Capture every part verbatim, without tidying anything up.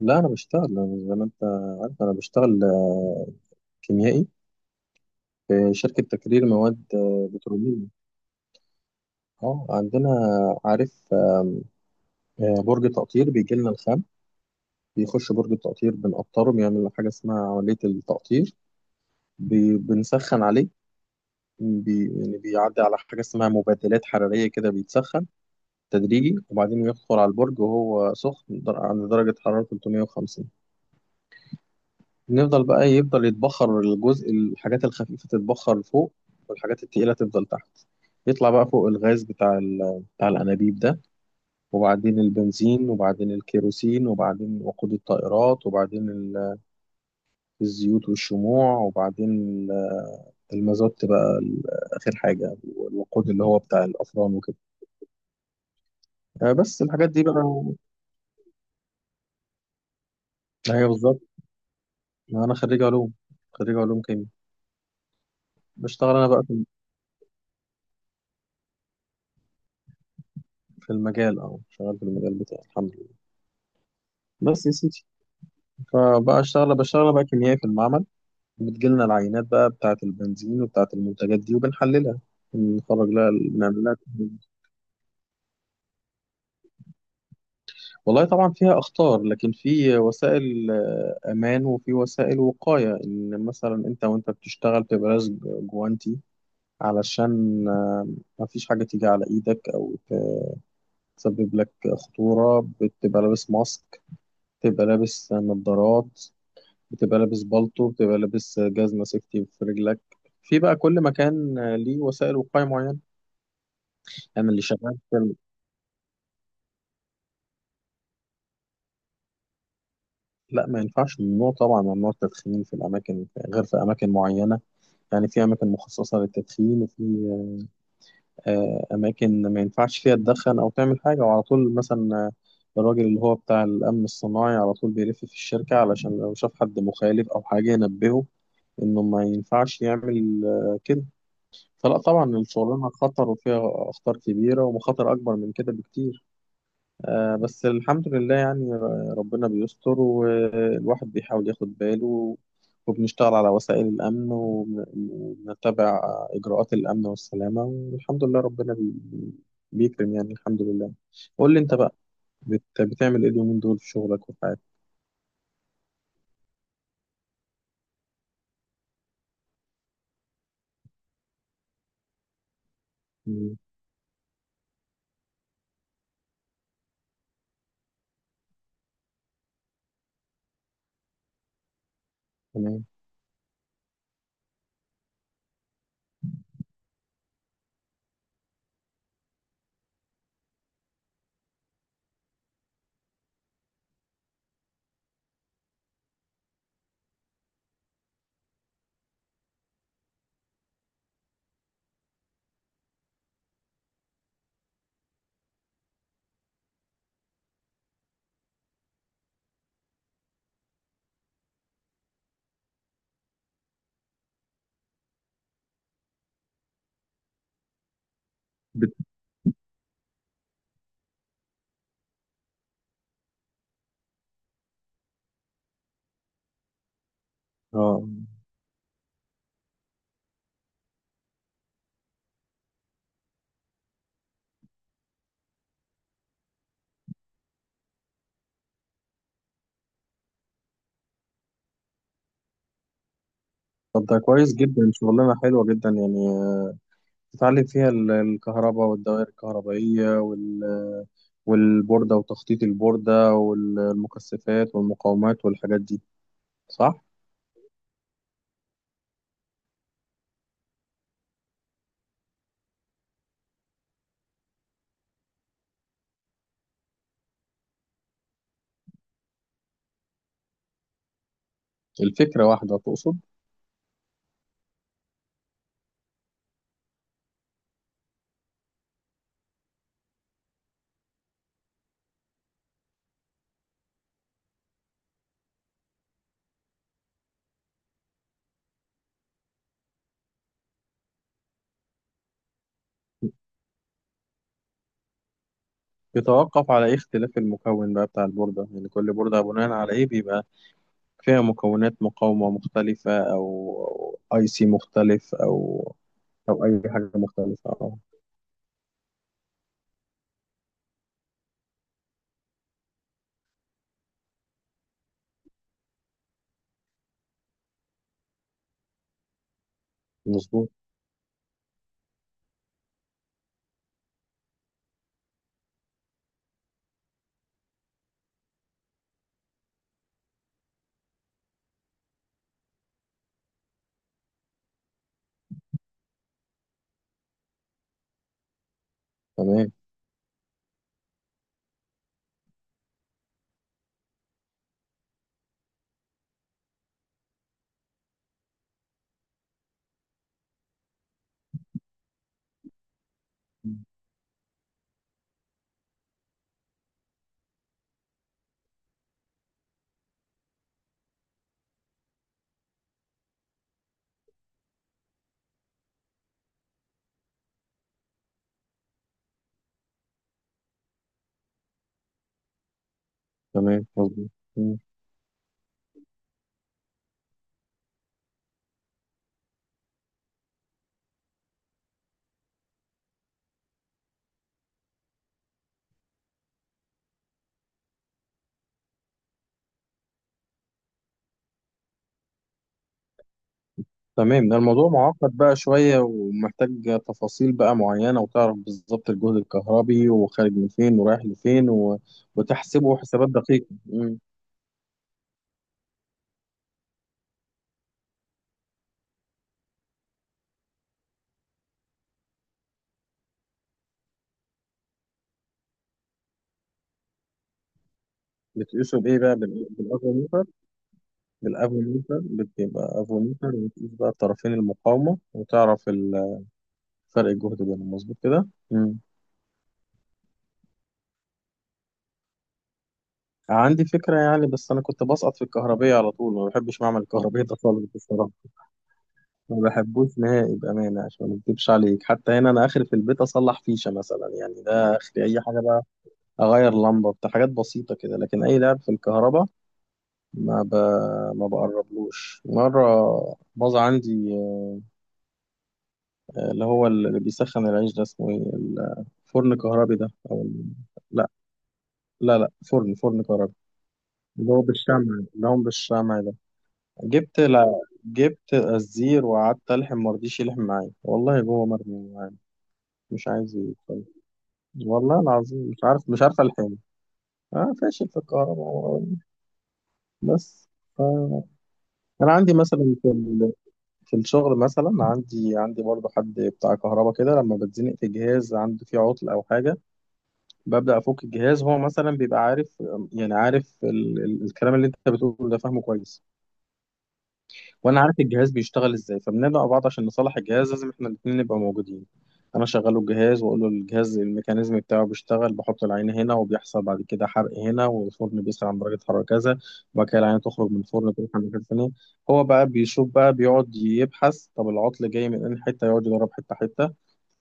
لا، انا بشتغل زي ما انت عارف، انا بشتغل آه، كيميائي في شركه تكرير مواد آه، بتروليه. اه، عندنا عارف آه، آه، برج تقطير، بيجي لنا الخام بيخش برج التقطير بنقطره، بيعمل حاجه اسمها عمليه التقطير. بي- بنسخن عليه، بي يعني بيعدي على حاجه اسمها مبادلات حراريه كده، بيتسخن تدريجي وبعدين يدخل على البرج وهو سخن در- عند درجه حراره ثلاثمائة وخمسين. نفضل بقى إيه، يفضل يتبخر الجزء، الحاجات الخفيفة تتبخر فوق والحاجات التقيلة تفضل تحت. يطلع بقى فوق الغاز بتاع ال- بتاع الأنابيب ده، وبعدين البنزين، وبعدين الكيروسين، وبعدين وقود الطائرات، وبعدين ال- الزيوت والشموع، وبعدين ال- المازوت بقى، ال- آخر حاجة والوقود اللي هو بتاع الأفران وكده. آه، بس الحاجات دي بقى هي بالظبط. ما أنا خريج علوم، خريج علوم كيمياء. بشتغل أنا بقى في في المجال، أه، شغال في المجال بتاعي الحمد لله. بس يا سيدي، فبقى اشتغل، بشتغل بقى كيميائي في المعمل. بتجيلنا العينات بقى بتاعة البنزين وبتاعة المنتجات دي وبنحللها، بنخرج لها، بنعمل لها تحليل. والله طبعا فيها أخطار، لكن في وسائل آه، أمان وفي وسائل وقاية، إن مثلا أنت وأنت بتشتغل تبقى جوانتي، علشان آه، ما فيش حاجة تيجي على إيدك أو تسبب لك خطورة. بتبقى لابس ماسك، تبقى لابس نظارات، بتبقى لابس بالطو، بتبقى لابس جزمة سيفتي في رجلك. في بقى كل مكان ليه وسائل وقاية معينة. أنا اللي شغال في ال- لا، ما ينفعش، ممنوع طبعا، ممنوع التدخين في الأماكن غير في أماكن معينة، يعني في أماكن مخصصة للتدخين، وفي آه، أماكن ما ينفعش فيها تدخن أو تعمل حاجة. وعلى طول مثلا آه، الراجل اللي هو بتاع الأمن الصناعي على طول بيلف في الشركة علشان لو شاف حد مخالف أو حاجة ينبهه إنه ما ينفعش يعمل آه، كده. فلا، طبعا الشغلانة خطر وفيها أخطار كبيرة، ومخاطر أكبر من كده بكتير. آه، بس الحمد لله يعني ر- ربنا بيستر والواحد بيحاول ياخد باله، وبنشتغل على وسائل الأمن وبن- وبنتبع إجراءات الأمن والسلامة، والحمد لله ربنا بي بي- بيكرم يعني، الحمد لله. قول لي أنت بقى، بت بتعمل إيه اليومين دول في شغلك وفي حياتك؟ مم، تمام. بت- اه. طب ده كويس جدا، شغلانة حلوة جدا، يعني آه، تتعلم فيها ال- الكهرباء والدوائر الكهربائية وال والبوردة وتخطيط البوردة والمكثفات والمقاومات والحاجات دي، صح؟ الفكرة واحدة تقصد؟ يتوقف على إيه اختلاف المكون بقى بتاع البوردة؟ يعني كل بوردة بناء على إيه بيبقى فيها مكونات مقاومة مختلفة، أو أي سي مختلف، أو أو أي حاجة مختلفة، أه. مظبوط. تمام. تمام، مظبوط. تمام. ده الموضوع معقد بقى شوية، ومحتاج تفاصيل بقى معينة، وتعرف بالظبط الجهد الكهربي، وخارج من فين ورايح لفين، و... وتحسبه حسابات دقيقة، مم. بتقيسه بإيه بقى، بال- بالأفوميتر؟ بالأفوميتر، بتبقى أفوميتر وتقيس بقى الطرفين المقاومة وتعرف ال- فرق الجهد بينهم، مظبوط كده، مم. عندي فكرة يعني، بس أنا كنت بسقط في الكهربية على طول، ما بحبش معمل الكهربية ده خالص بصراحة. ما بحبوش نهائي بأمانة، عشان ما اكدبش عليك، حتى هنا أنا آخر في البيت أصلح فيشة مثلا، يعني ده آخر أي حاجة بقى. أغير لمبة، بتاع حاجات بسيطة كده، لكن أي لعب في الكهرباء ما ب... ما بقربلوش مرة. باظ عندي آه، اللي هو اللي بيسخن العيش ده، اسمه إيه، الفرن كهربي ده، أو ال- لا، لا، لا، فرن، فرن كهربي، اللي هو بالشمع، اللي هو بالشمع ده. جبت لا جبت الزير وقعدت ألحم، مرضيش يلحم معايا، والله جوه مرمي معايا، مش عايز يتفرج. والله العظيم مش عارف مش عارف الحين. اه، فاشل في الكهرباء بس، آه. انا عندي مثلا في ال... في الشغل مثلا، عندي عندي برضه حد بتاع كهرباء كده، لما بتزنق في جهاز عنده فيه عطل او حاجه، ببدا افك الجهاز. هو مثلا بيبقى عارف، يعني عارف ال... ال... الكلام اللي انت بتقوله ده فاهمه كويس، وانا عارف الجهاز بيشتغل ازاي، فبندعو بعض عشان نصلح الجهاز، لازم احنا الاثنين نبقى موجودين. انا شغله الجهاز، واقول له الجهاز الميكانيزم بتاعه بيشتغل بحط العين هنا، وبيحصل بعد كده حرق هنا، والفرن بيسخن عند درجه حراره كذا، وبعد كده العين تخرج من الفرن تروح عند مكان تاني. هو بقى بيشوف، بقى بيقعد يبحث طب العطل جاي من انهي حته، يقعد يجرب حته حته،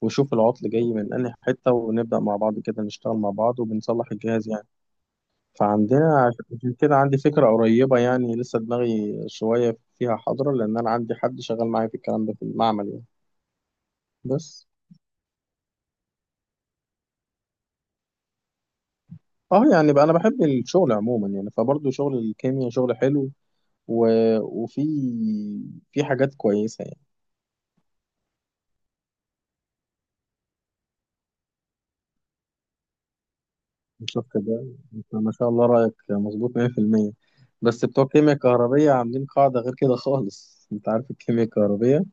ويشوف العطل جاي من انهي حته، ونبدا مع بعض كده، نشتغل مع بعض وبنصلح الجهاز يعني. فعندنا عش- عشان كده عندي فكرة قريبة يعني، لسه دماغي شوية فيها حاضرة، لأن أنا عندي حد شغال معايا في الكلام ده في المعمل يعني، بس. اه، يعني بقى أنا بحب الشغل عموما يعني، فبرضه شغل الكيمياء شغل حلو، و... وفي في حاجات كويسة يعني. شفت ده؟ أنت ما شاء الله رأيك مظبوط ميه في الميه. بس بتوع الكيمياء الكهربية عاملين قاعدة غير كده خالص، أنت عارف الكيمياء الكهربية،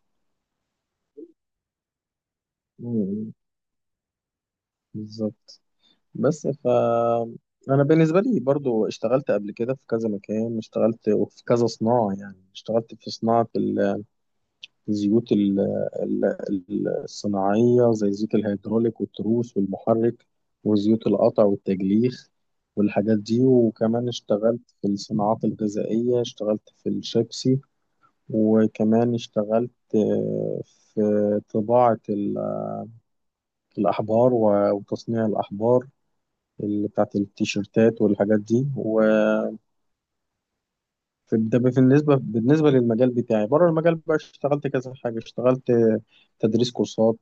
مم. بالظبط. بس ف انا بالنسبه لي برضو اشتغلت قبل كده في كذا مكان، اشتغلت في كذا صناعه يعني، اشتغلت في صناعه ال- الزيوت ال- ال- ال- الصناعيه، زي زيوت الهيدروليك والتروس والمحرك، وزيوت القطع والتجليخ والحاجات دي. وكمان اشتغلت في الصناعات الغذائيه، اشتغلت في الشيبسي. وكمان اشتغلت آه، في طباعه ال- الاحبار و- وتصنيع الاحبار اللي بتاعت التيشيرتات والحاجات دي، وده. بالنسبة بالنسبة للمجال بتاعي بره المجال بقى، اشتغلت كذا حاجة، اشتغلت تدريس كورسات،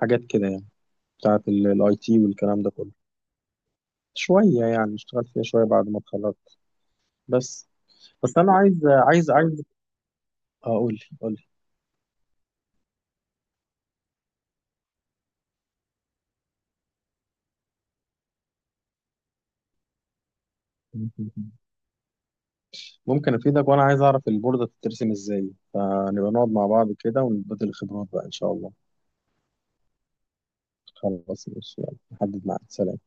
حاجات كده يعني، بتاعت الاي تي والكلام ده كله. شوية يعني، اشتغلت فيها شوية بعد ما اتخرجت، بس. بس أنا عايز عايز عايز أقول لي قول لي ممكن أفيدك، وأنا عايز أعرف البوردة بتترسم إزاي، فنبقى نقعد مع بعض كده ونبدل الخبرات بقى إن شاء الله. خلاص ماشي، يلا نحدد ميعاد، سلام.